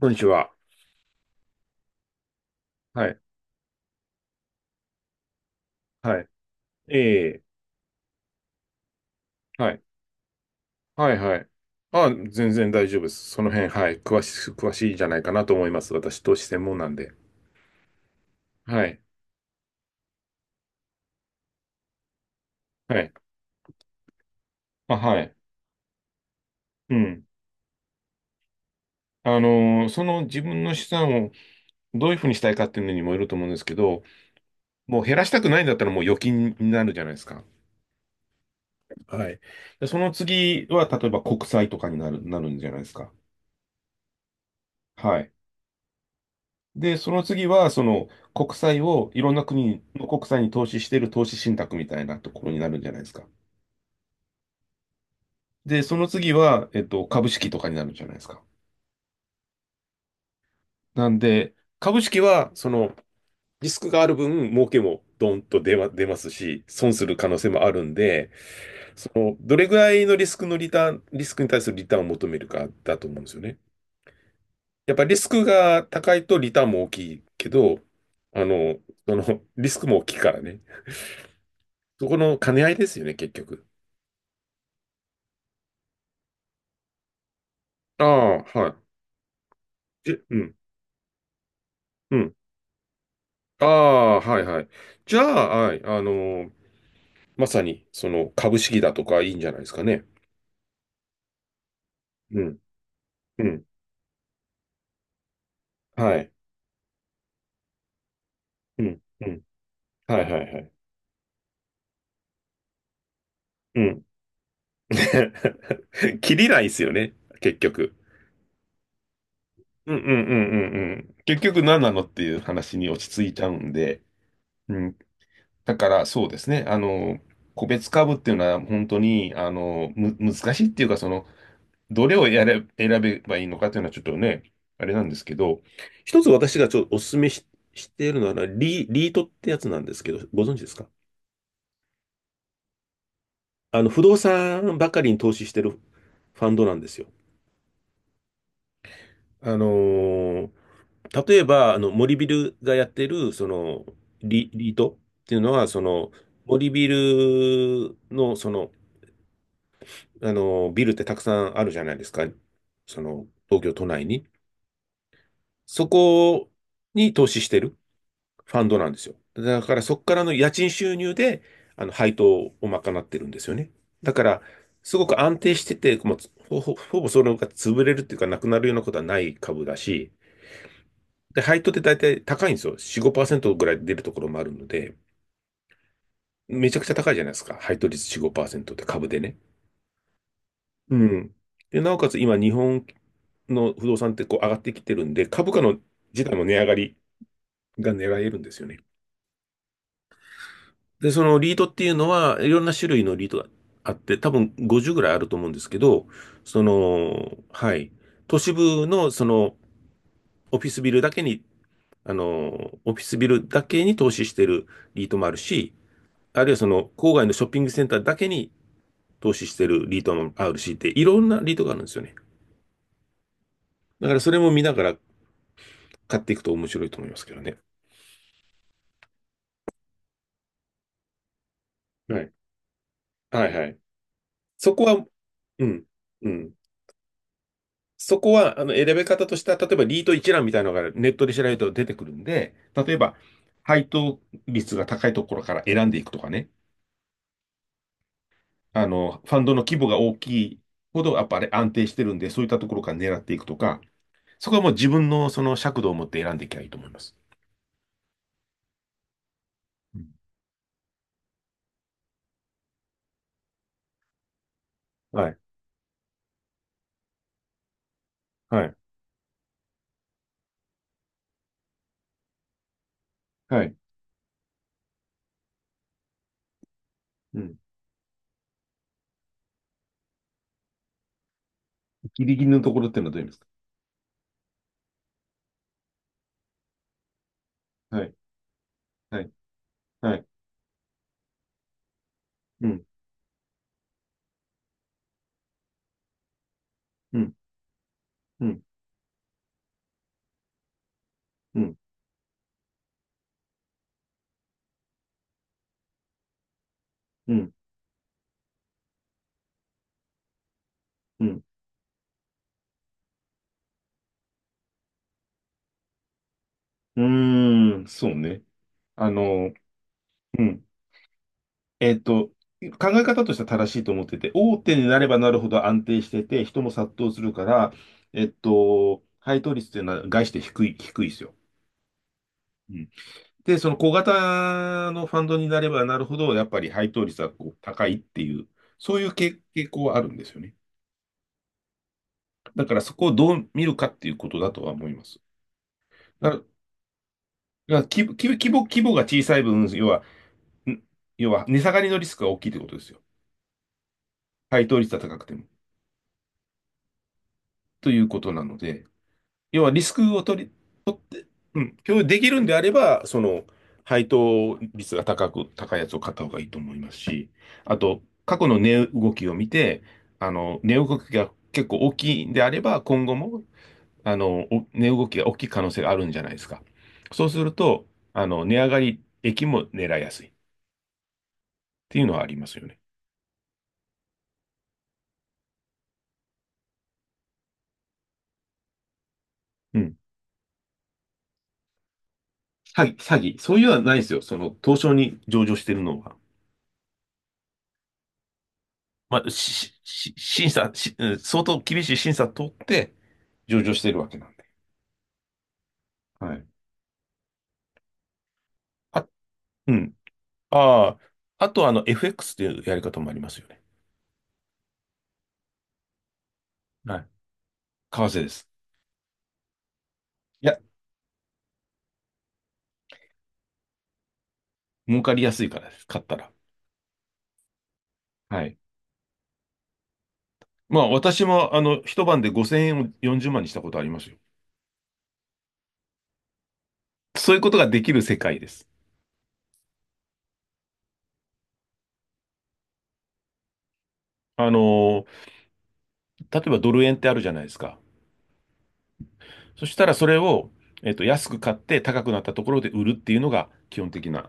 こんにちは。はい。はい。ええ。はい。はい。はい。あ、全然大丈夫です。その辺、はい。詳しいんじゃないかなと思います。私、投資専門なんで。はい。はい。あ、はい。うん。その自分の資産をどういうふうにしたいかっていうのにもよると思うんですけど、もう減らしたくないんだったらもう預金になるじゃないですか。はい。で、その次は、例えば国債とかになる、なるんじゃないですか。はい。で、その次は、その国債をいろんな国の国債に投資している投資信託みたいなところになるんじゃないですか。で、その次は、株式とかになるんじゃないですか。なんで、株式は、その、リスクがある分、儲けもドンと出ま、出ますし、損する可能性もあるんで、その、どれぐらいのリスクに対するリターンを求めるかだと思うんですよね。やっぱりリスクが高いとリターンも大きいけど、あの、その、リスクも大きいからね。そこの兼ね合いですよね、結局。ああ、はい。で、うん、うん。ああ、はい、はい。じゃあ、はい、ーまさに、その、株式だとかいいんじゃないですかね。うん、うん、はい、うん、うん、はい、はい、はい。うん。切りないですよね、結局。うんうんうんうんうん。結局何なのっていう話に落ち着いちゃうんで、うん、だからそうですね、個別株っていうのは本当に、難しいっていうか、その、どれをやれ、選べばいいのかというのはちょっとね、あれなんですけど、一つ私がちょっとお勧めし、しているのはリートってやつなんですけど、ご存知ですか？不動産ばかりに投資してるファンドなんですよ。あのー例えば、森ビルがやってる、その、リートっていうのは、その、森ビルの、その、ビルってたくさんあるじゃないですか。その、東京都内に。そこに投資してる。ファンドなんですよ。だからそこからの家賃収入で、配当を賄ってるんですよね。だから、すごく安定してて、もうほぼそれが潰れるっていうか、なくなるようなことはない株だし、で、配当って大体高いんですよ。4、5%ぐらい出るところもあるので、めちゃくちゃ高いじゃないですか。配当率4、5%って株でね。うん。で、なおかつ今、日本の不動産ってこう上がってきてるんで、株価の自体も値上がりが狙えるんですよね。で、そのリードっていうのは、いろんな種類のリードがあって、多分50ぐらいあると思うんですけど、その、はい。都市部の、その、オフィスビルだけに、あの、オフィスビルだけに投資してるリートもあるし、あるいはその、郊外のショッピングセンターだけに投資してるリートもあるしって、いろんなリートがあるんですよね。だからそれも見ながら買っていくと面白いと思いますけどね。はい。はいはい。そこは、うん、うん。そこは、選べ方としては、例えばリート一覧みたいなのがネットで調べると出てくるんで、例えば、配当率が高いところから選んでいくとかね、ファンドの規模が大きいほど、やっぱり安定してるんで、そういったところから狙っていくとか、そこはもう自分のその尺度を持って選んでいけばいいと思います。うん、はい、はい、はい。うん。ギリギリのところっていうのはどういうんですか？はい、はい、はい。うん、うん、うん、うん、うん、うん。うーん、そうね。あの、うん。えっと、考え方としては正しいと思ってて、大手になればなるほど安定してて、人も殺到するから、配当率っていうのは概して低い、低いですよ。うん、で、その小型のファンドになればなるほど、やっぱり配当率はこう高いっていう、そういう傾向はあるんですよね。だからそこをどう見るかっていうことだとは思います。だから規模、規模、規模が小さい分、要は、ん要は値下がりのリスクが大きいということですよ。配当率が高くても。ということなので、要はリスクを取り、とうん、共有できるんであれば、その、配当率が高く、高いやつを買った方がいいと思いますし、あと、過去の値動きを見て、値動きが結構大きいんであれば、今後も、お値動きが大きい可能性があるんじゃないですか。そうすると、値上がり益も狙いやすいっていうのはありますよね。うん。詐欺、詐欺、そういうのはないですよ。その、東証に上場してるのは。まあ、し、し、審査、し、うん相当厳しい審査通って、上場しているわけなんで。はい。あ、うん。ああ、あとはFX というやり方もありますよね。はい。為替です。いや、儲かりやすいからです。買ったら。はい。まあ、私も一晩で5000円を40万にしたことありますよ。そういうことができる世界です。あのー、例えばドル円ってあるじゃないですか。そしたらそれを、安く買って高くなったところで売るっていうのが基本的な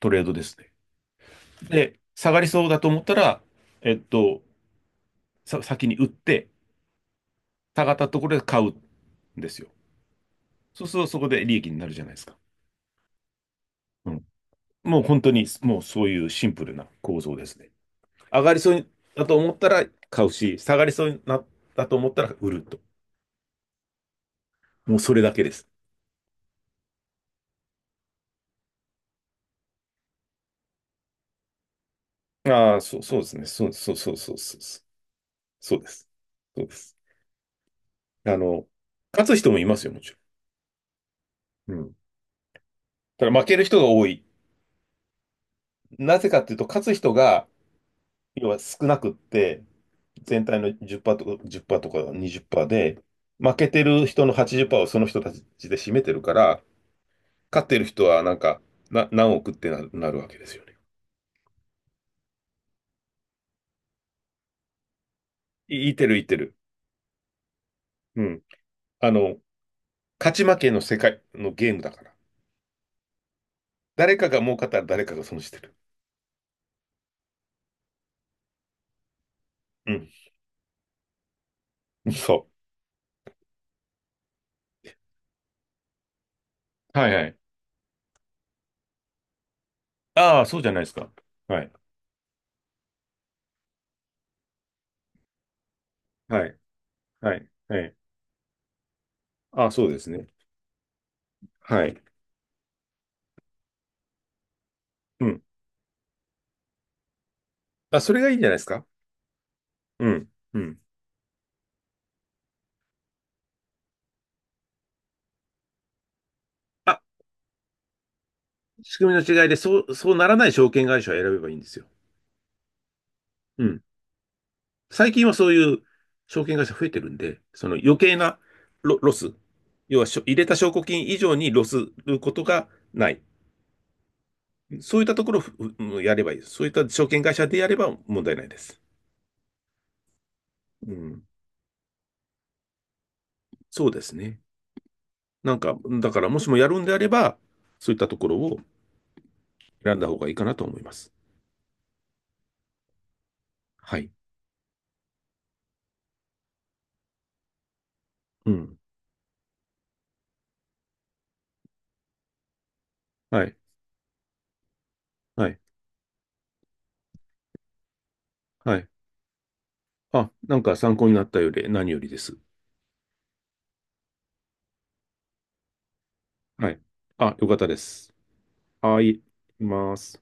トレードですね。で、下がりそうだと思ったら、えっと、先に売って、下がったところで買うんですよ。そうするとそこで利益になるじゃないですか。うん。もう本当に、もうそういうシンプルな構造ですね。上がりそうだと思ったら買うし、下がりそうになったと思ったら売ると。もうそれだけです。ああ、そう、そうですね。そう、そう、そう、そう、そう、そうそうです。そうです。あの、勝つ人もいますよ、もちろん。うん。ただ負ける人が多い。なぜかっていうと、勝つ人が、要は少なくって、全体の10%とか、1とか20%で、負けてる人の80%をその人たちで占めてるから、勝ってる人はなんか、何億ってなるわけですよね。いてる、いてる。うん。あの、勝ち負けの世界のゲームだから。誰かが儲かったら誰かが損してる。うん。そう。はいはい。ああ、そうじゃないですか。はい。はい。はい。はい。ああ、そうですね。はい。うん。あ、それがいいんじゃないですか。うん。うん。あ仕組みの違いで、そうならない証券会社を選べばいいんですよ。うん。最近はそういう証券会社増えてるんで、その余計なロス、要は入れた証拠金以上にロスることがない。そういったところをやればいいです。そういった証券会社でやれば問題ないです。うん。そうですね。なんか、だからもしもやるんであれば、そういったところを選んだ方がいいかなと思います。はい。うん。はい。はい。はい。あ、なんか参考になったより何よりです。はい。あ、よかったです。はい、行きます。